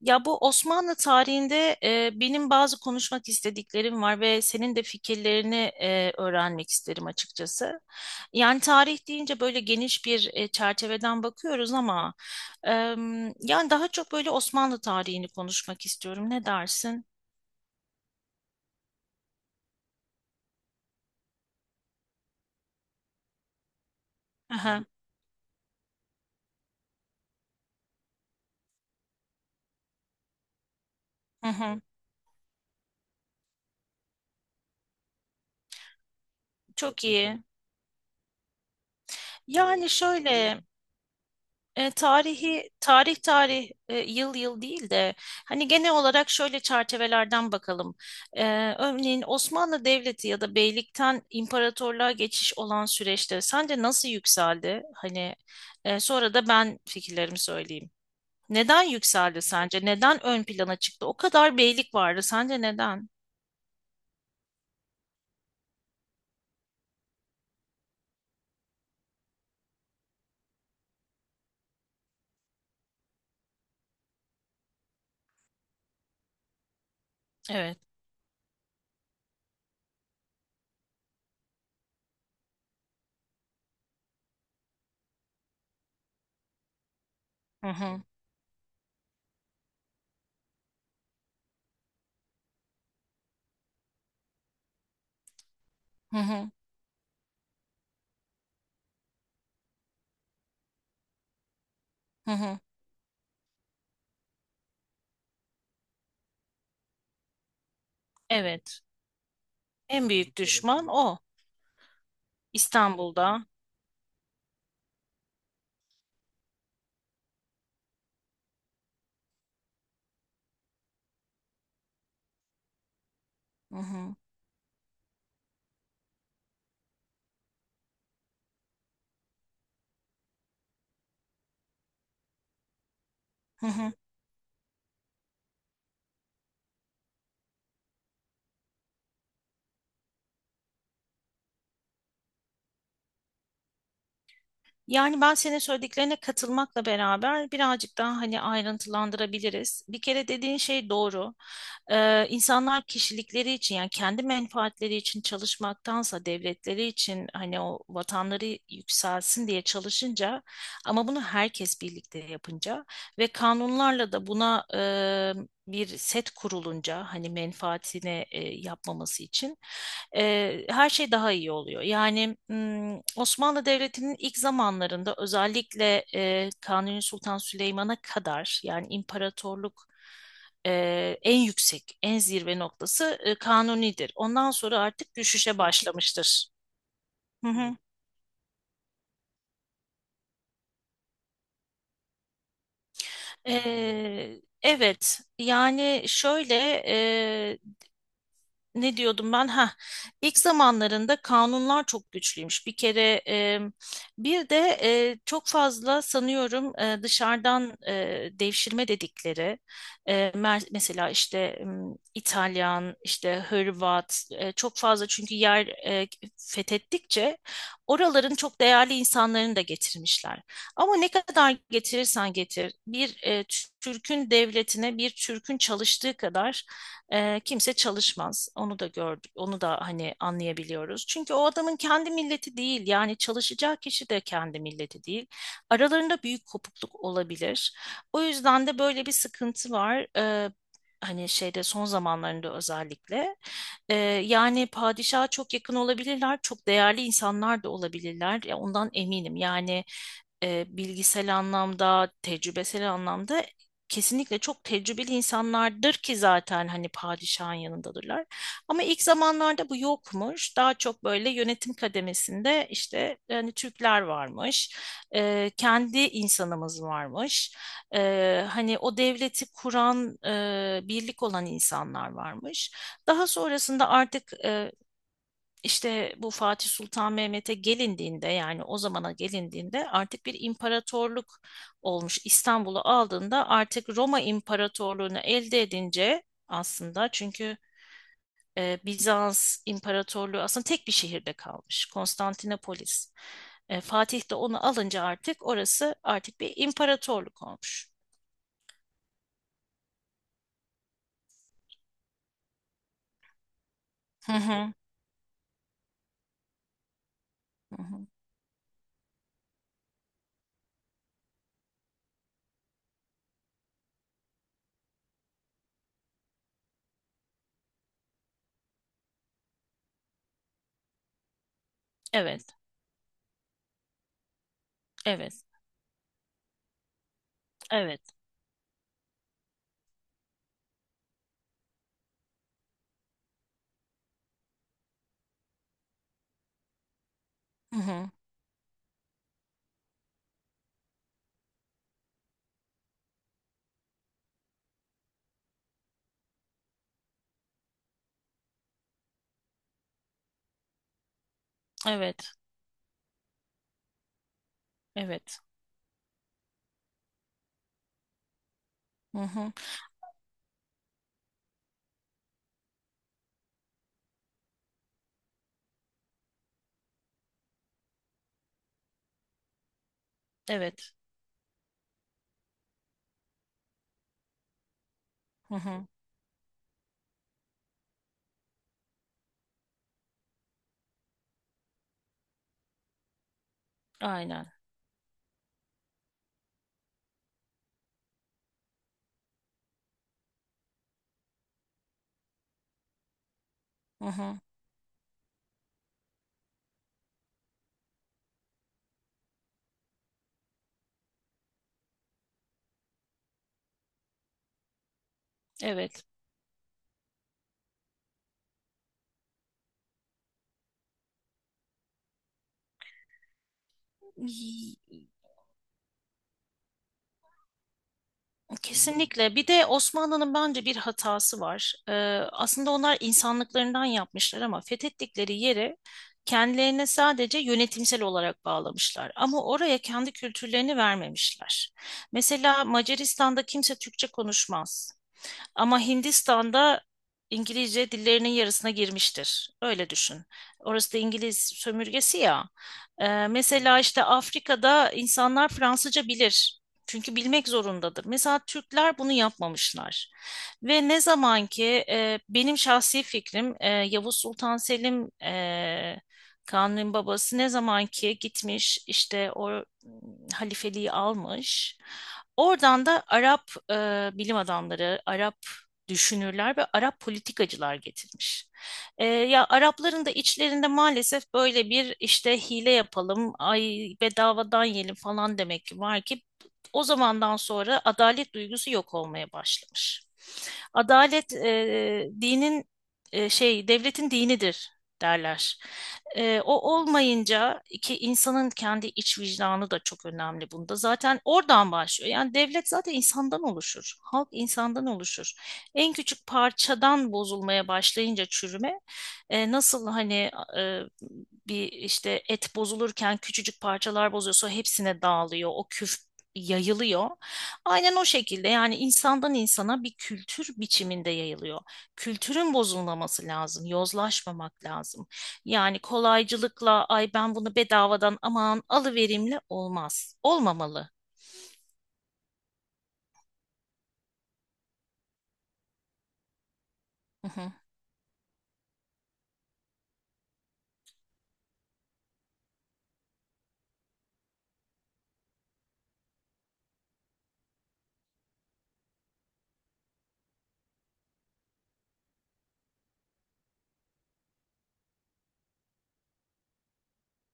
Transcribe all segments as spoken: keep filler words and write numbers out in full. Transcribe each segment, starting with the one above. Ya bu Osmanlı tarihinde e, benim bazı konuşmak istediklerim var ve senin de fikirlerini e, öğrenmek isterim açıkçası. Yani tarih deyince böyle geniş bir e, çerçeveden bakıyoruz ama e, yani daha çok böyle Osmanlı tarihini konuşmak istiyorum. Ne dersin? Aha, hı hı. Çok iyi. Yani şöyle. E, tarihi tarih tarih e, yıl yıl değil de hani genel olarak şöyle çerçevelerden bakalım. E, Örneğin Osmanlı Devleti ya da beylikten imparatorluğa geçiş olan süreçte sence nasıl yükseldi? Hani e, sonra da ben fikirlerimi söyleyeyim. Neden yükseldi sence? Neden ön plana çıktı? O kadar beylik vardı. Sence neden? Evet. Hı hı. Hı hı. Hı hı. Evet. En büyük düşman o. İstanbul'da. Hı hı. Hı hı. Yani ben senin söylediklerine katılmakla beraber birazcık daha hani ayrıntılandırabiliriz. Bir kere dediğin şey doğru. Ee, insanlar kişilikleri için yani kendi menfaatleri için çalışmaktansa devletleri için hani o vatanları yükselsin diye çalışınca ama bunu herkes birlikte yapınca ve kanunlarla da buna e, bir set kurulunca hani menfaatine e, yapmaması için e, her şey daha iyi oluyor. Yani mm, Osmanlı Devleti'nin ilk zamanlarında özellikle e, Kanuni Sultan Süleyman'a kadar yani imparatorluk e, en yüksek, en zirve noktası e, Kanuni'dir. Ondan sonra artık düşüşe başlamıştır. Hı hı. E, evet, yani şöyle ne diyordum ben? Ha, ilk zamanlarında kanunlar çok güçlüymüş. Bir kere e, bir de e, çok fazla sanıyorum e, dışarıdan e, devşirme dedikleri e, mer- mesela işte m, İtalyan, işte Hırvat e, çok fazla çünkü yer e, fethettikçe oraların çok değerli insanlarını da getirmişler. Ama ne kadar getirirsen getir bir e, Türk'ün devletine bir Türk'ün çalıştığı kadar ee, kimse çalışmaz. Onu da gördük. Onu da hani anlayabiliyoruz. Çünkü o adamın kendi milleti değil. Yani çalışacağı kişi de kendi milleti değil. Aralarında büyük kopukluk olabilir. O yüzden de böyle bir sıkıntı var. Ee, hani şeyde son zamanlarında özellikle. Ee, Yani padişaha çok yakın olabilirler. Çok değerli insanlar da olabilirler. Ya ondan eminim. Yani e, bilgisel anlamda, tecrübesel anlamda kesinlikle çok tecrübeli insanlardır ki zaten hani padişahın yanındadırlar. Ama ilk zamanlarda bu yokmuş. Daha çok böyle yönetim kademesinde işte hani Türkler varmış, e, kendi insanımız varmış, e, hani o devleti kuran, e, birlik olan insanlar varmış. Daha sonrasında artık e, işte bu Fatih Sultan Mehmet'e gelindiğinde yani o zamana gelindiğinde artık bir imparatorluk olmuş. İstanbul'u aldığında artık Roma İmparatorluğunu elde edince aslında çünkü e, Bizans İmparatorluğu aslında tek bir şehirde kalmış. Konstantinopolis. E, Fatih de onu alınca artık orası artık bir imparatorluk olmuş. Hı hı. Hı hı. Evet, evet, evet. Hı hı. Evet, evet. Hı hı. Evet. Hı hı. Aynen. Hı hı. Evet. Y- Kesinlikle. Bir de Osmanlı'nın bence bir hatası var. Ee, aslında onlar insanlıklarından yapmışlar ama fethettikleri yeri kendilerine sadece yönetimsel olarak bağlamışlar. Ama oraya kendi kültürlerini vermemişler. Mesela Macaristan'da kimse Türkçe konuşmaz. Ama Hindistan'da İngilizce dillerinin yarısına girmiştir. Öyle düşün. Orası da İngiliz sömürgesi ya. Ee, mesela işte Afrika'da insanlar Fransızca bilir. Çünkü bilmek zorundadır. Mesela Türkler bunu yapmamışlar. Ve ne zaman ki e, benim şahsi fikrim e, Yavuz Sultan Selim e, Kanuni'nin babası ne zaman ki gitmiş işte o m, halifeliği almış. Oradan da Arap e, bilim adamları, Arap düşünürler ve Arap politikacılar getirmiş. Ee, ya Arapların da içlerinde maalesef böyle bir işte hile yapalım, ay bedavadan yiyelim falan demek ki var ki o zamandan sonra adalet duygusu yok olmaya başlamış. Adalet e, dinin e, şey devletin dinidir derler. E, o olmayınca ki insanın kendi iç vicdanı da çok önemli bunda. Zaten oradan başlıyor. Yani devlet zaten insandan oluşur. Halk insandan oluşur. En küçük parçadan bozulmaya başlayınca çürüme e, nasıl hani e, bir işte et bozulurken küçücük parçalar bozuyorsa hepsine dağılıyor. O küf yayılıyor. Aynen o şekilde yani insandan insana bir kültür biçiminde yayılıyor. Kültürün bozulmaması lazım, yozlaşmamak lazım. Yani kolaycılıkla ay ben bunu bedavadan aman alıverimle olmaz. Olmamalı. Hı hı.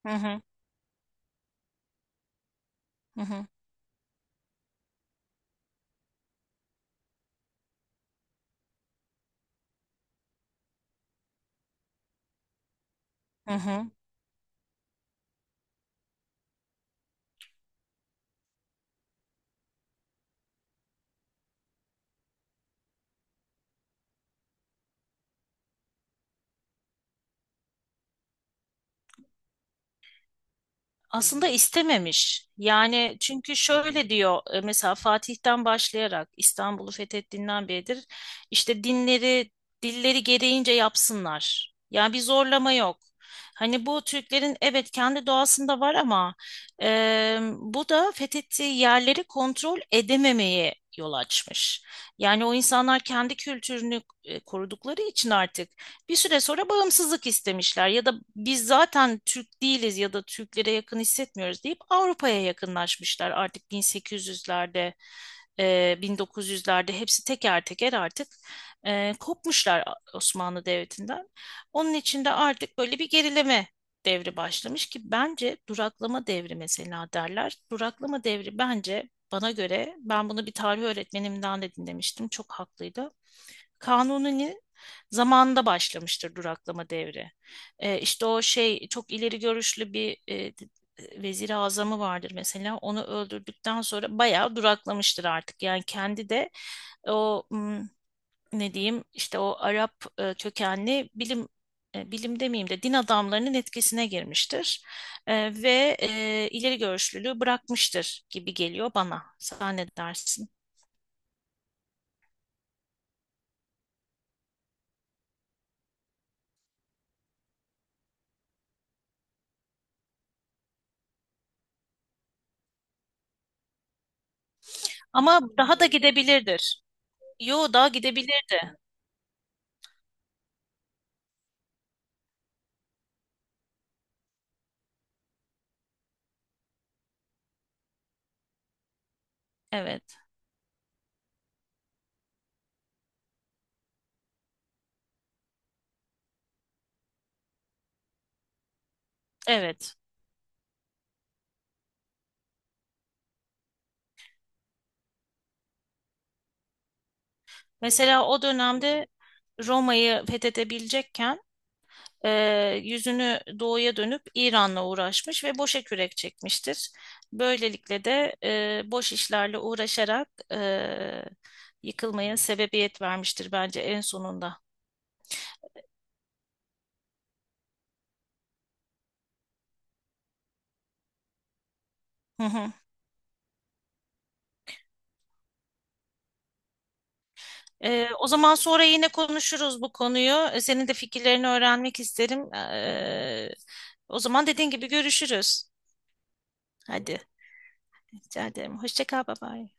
Hı hı. Hı hı. Hı hı. Aslında istememiş. Yani çünkü şöyle diyor e, mesela Fatih'ten başlayarak İstanbul'u fethettiğinden beridir işte dinleri dilleri gereğince yapsınlar. Yani bir zorlama yok. Hani bu Türklerin evet kendi doğasında var ama e, bu da fethettiği yerleri kontrol edememeye yol açmış. Yani o insanlar kendi kültürünü e, korudukları için artık bir süre sonra bağımsızlık istemişler ya da biz zaten Türk değiliz ya da Türklere yakın hissetmiyoruz deyip Avrupa'ya yakınlaşmışlar. Artık bin sekiz yüzlerde, e, bin dokuz yüzlerde hepsi teker teker artık e, kopmuşlar Osmanlı Devleti'nden. Onun için de artık böyle bir gerileme devri başlamış ki bence duraklama devri mesela derler. Duraklama devri bence bana göre ben bunu bir tarih öğretmenimden de dinlemiştim. Çok haklıydı. Kanuni'nin zamanında başlamıştır duraklama devri. E, işte o şey çok ileri görüşlü bir e, vezir-i azamı vardır mesela. Onu öldürdükten sonra bayağı duraklamıştır artık. Yani kendi de o m, ne diyeyim işte o Arap e, kökenli bilim e, bilim demeyeyim de din adamlarının etkisine girmiştir. E, ve e, ileri görüşlülüğü bırakmıştır gibi geliyor bana. Sen ne dersin? Ama daha da gidebilirdir. Yo daha gidebilirdi. Evet, evet. Mesela o dönemde Roma'yı fethedebilecekken e, yüzünü doğuya dönüp İran'la uğraşmış ve boşa kürek çekmiştir. Böylelikle de e, boş işlerle uğraşarak e, yıkılmaya sebebiyet vermiştir bence en sonunda. Hı hı. E, o zaman sonra yine konuşuruz bu konuyu. E, Senin de fikirlerini öğrenmek isterim. E, o zaman dediğin gibi görüşürüz. Hadi, rica ederim. Hoşça kal, bye bye.